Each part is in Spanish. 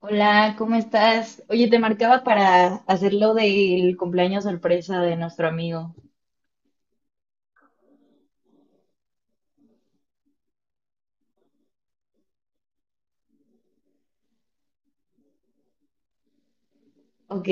Hola, ¿cómo estás? Oye, te marcaba para hacer lo del cumpleaños sorpresa de nuestro amigo. Ok,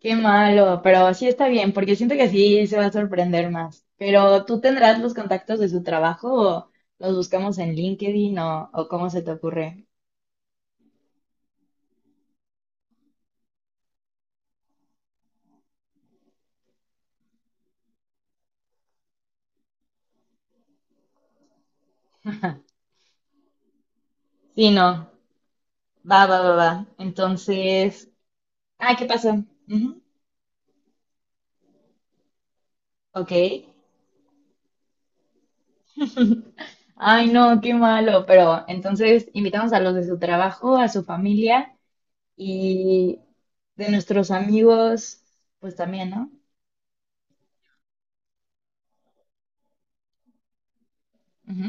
qué malo, pero sí está bien, porque siento que sí se va a sorprender más. Pero tú tendrás los contactos de su trabajo o los buscamos en LinkedIn o cómo se te ocurre. Sí, no, va, va, va, va. Entonces, ah, ¿qué pasó? Ujú. Ok. Ay, no, qué malo, pero entonces invitamos a los de su trabajo, a su familia y de nuestros amigos, pues también, ¿no? Ujú.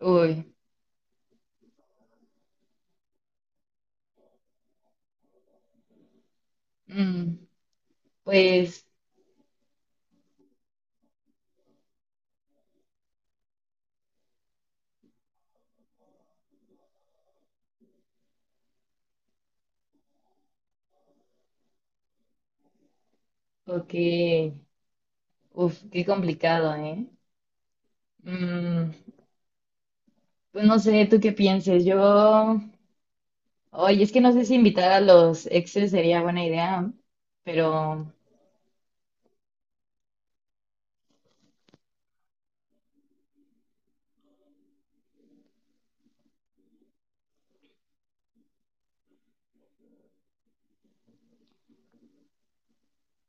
Uy, mm, pues, ok. Uf, qué complicado, ¿eh? Mm, pues no sé, ¿tú qué pienses? Yo, oye, es que no sé si invitar a los exes sería buena idea, pero.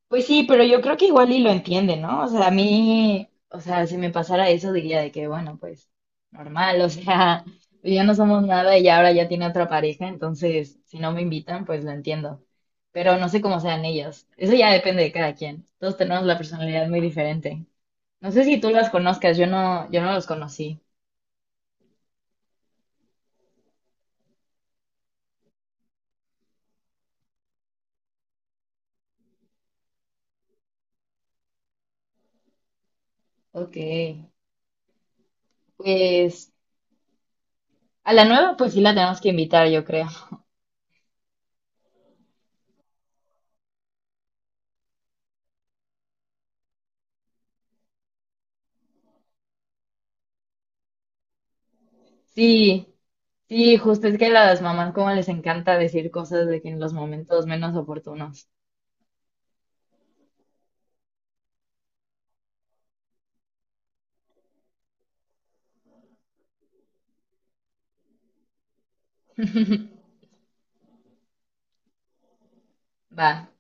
Pues sí, pero yo creo que igual y lo entiende, ¿no? O sea, a mí, o sea, si me pasara eso diría de que, bueno, pues normal, o sea, ya no somos nada y ahora ya tiene otra pareja, entonces si no me invitan, pues lo entiendo. Pero no sé cómo sean ellos. Eso ya depende de cada quien. Todos tenemos la personalidad muy diferente. No sé si tú las conozcas, yo no, yo no los conocí. Ok. Pues a la nueva, pues sí la tenemos que invitar, yo creo. Sí, sí, justo es que a las mamás como les encanta decir cosas de que en los momentos menos oportunos. Va.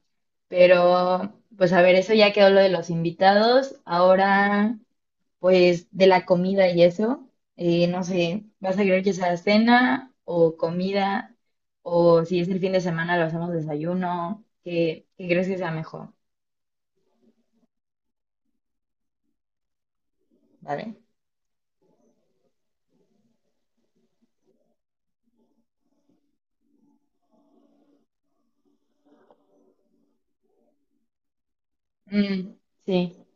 Pero, pues a ver, eso ya quedó lo de los invitados. Ahora, pues de la comida y eso. No sé, ¿vas a querer que sea cena o comida? O si es el fin de semana, lo hacemos desayuno. ¿Qué crees que sea mejor? ¿Vale? Mm, sí.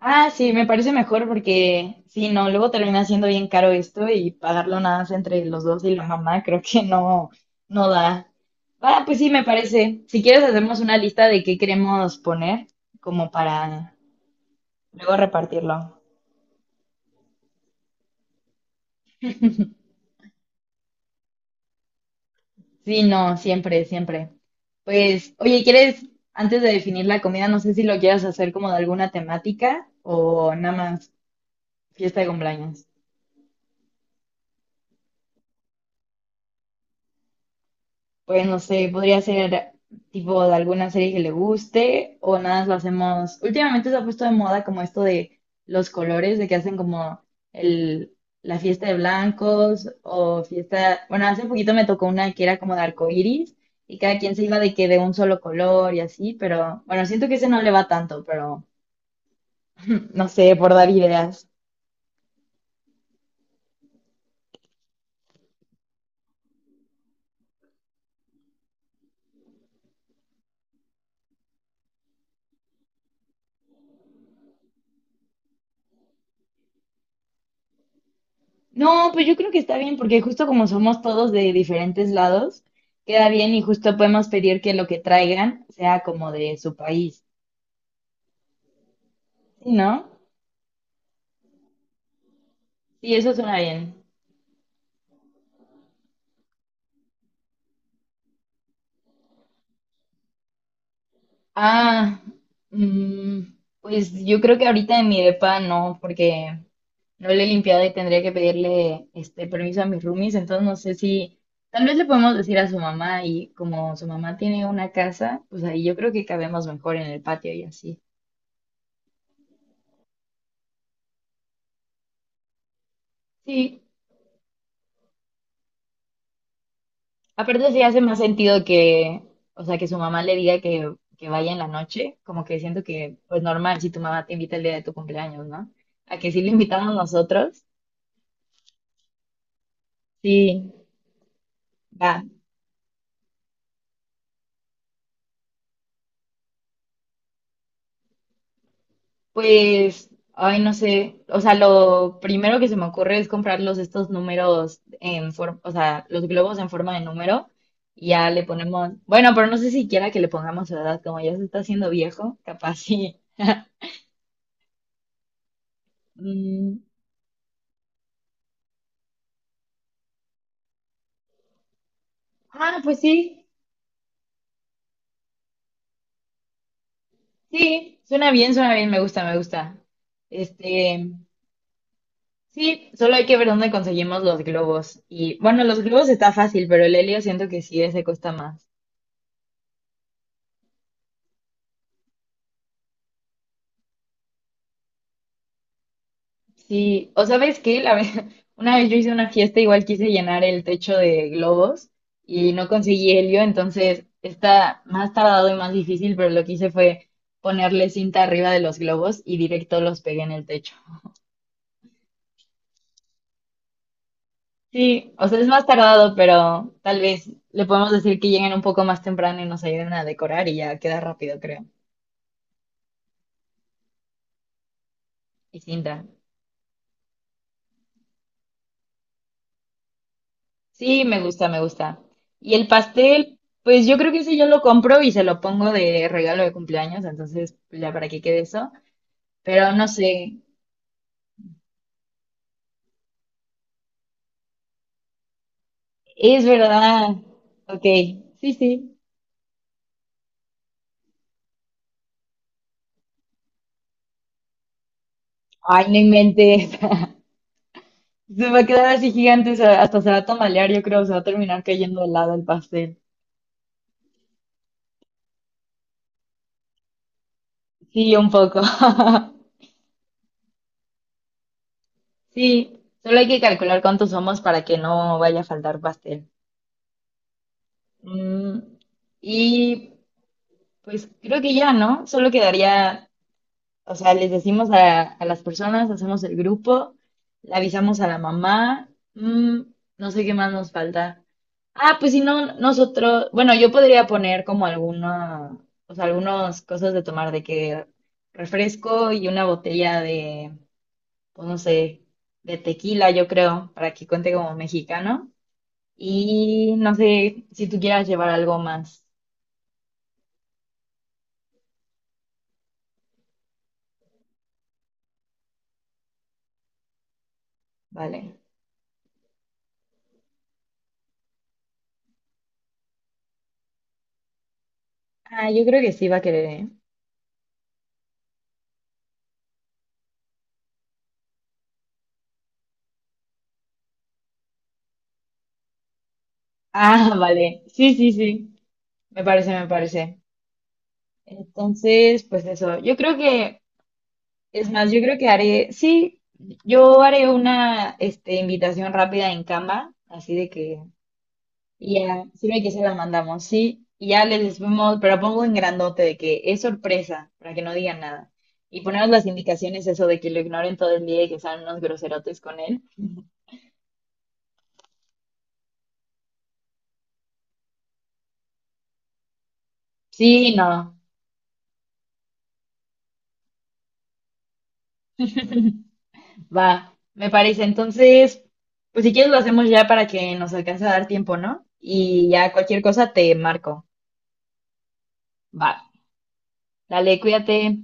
Ah, sí, me parece mejor porque si no, luego termina siendo bien caro esto y pagarlo nada más entre los dos y la mamá, creo que no, no da. Ah, pues sí, me parece. Si quieres, hacemos una lista de qué queremos poner, como para luego repartirlo. Sí, no, siempre, siempre. Pues, oye, ¿quieres, antes de definir la comida, no sé si lo quieras hacer como de alguna temática o nada más fiesta de cumpleaños? Pues no sé, podría ser tipo de alguna serie que le guste o nada más lo hacemos. Últimamente se ha puesto de moda como esto de los colores, de que hacen como el, la fiesta de blancos o fiesta. Bueno, hace poquito me tocó una que era como de arcoíris y cada quien se iba de que de un solo color y así, pero bueno, siento que ese no le va tanto, pero no sé, por dar ideas. No, pues yo creo que está bien, porque justo como somos todos de diferentes lados, queda bien y justo podemos pedir que lo que traigan sea como de su país, sí, ¿no? Sí, eso suena bien. Ah, mm, pues yo creo que ahorita en mi depa no, porque no le he limpiado y tendría que pedirle este permiso a mis roomies, entonces no sé si tal vez le podemos decir a su mamá y como su mamá tiene una casa, pues ahí yo creo que cabemos mejor en el patio y así. Sí, aparte sí hace más sentido que, o sea, que su mamá le diga que, vaya en la noche, como que siento que, pues normal, si tu mamá te invita el día de tu cumpleaños, ¿no? A que sí lo invitamos nosotros, sí, va. Pues, ay, no sé, o sea, lo primero que se me ocurre es comprarlos estos números en forma, o sea, los globos en forma de número, y ya le ponemos, bueno, pero no sé siquiera que le pongamos su edad, como ya se está haciendo viejo, capaz sí. Mm, ah, pues sí. Sí, suena bien, me gusta, me gusta. Este, sí, solo hay que ver dónde conseguimos los globos. Y bueno, los globos está fácil, pero el helio siento que sí, ese cuesta más. Sí, o sabes qué, la vez, una vez yo hice una fiesta, igual quise llenar el techo de globos y no conseguí helio, entonces está más tardado y más difícil, pero lo que hice fue ponerle cinta arriba de los globos y directo los pegué en el techo. Sí, o sea, es más tardado, pero tal vez le podemos decir que lleguen un poco más temprano y nos ayuden a decorar y ya queda rápido, creo. Y cinta. Sí, me gusta, me gusta. Y el pastel, pues yo creo que ese yo lo compro y se lo pongo de regalo de cumpleaños, entonces pues, ya para qué quede eso. Pero no sé, es verdad. Ok, sí, sí. Ay, no inventes. Se va a quedar así gigante, hasta se va a tamalear, yo creo, se va a terminar cayendo al lado el pastel. Sí, un poco. Sí, solo hay que calcular cuántos somos para que no vaya a faltar pastel. Mm, y pues creo que ya, ¿no? Solo quedaría, o sea, les decimos a las personas, hacemos el grupo, le avisamos a la mamá, mm, no sé qué más nos falta. Ah, pues si no, nosotros, bueno, yo podría poner como alguna, o sea, algunas cosas de tomar, de que refresco y una botella de, pues no sé, de tequila, yo creo, para que cuente como mexicano. Y no sé si tú quieras llevar algo más. Vale. Ah, yo creo que sí va a querer, ¿eh? Ah, vale. Sí, sí, sí. Me parece, me parece. Entonces, pues eso. Yo creo que, es más, yo creo que haré, sí, yo haré una, este, invitación rápida en Canva, así de que, y ya, sirve que se la mandamos, sí. Y ya les decimos, pero pongo en grandote de que es sorpresa, para que no digan nada. Y ponemos las indicaciones, eso de que lo ignoren todo el día y que sean unos groserotes con él. Sí, no. Va, me parece. Entonces, pues si quieres lo hacemos ya para que nos alcance a dar tiempo, ¿no? Y ya cualquier cosa te marco. Va, dale, cuídate.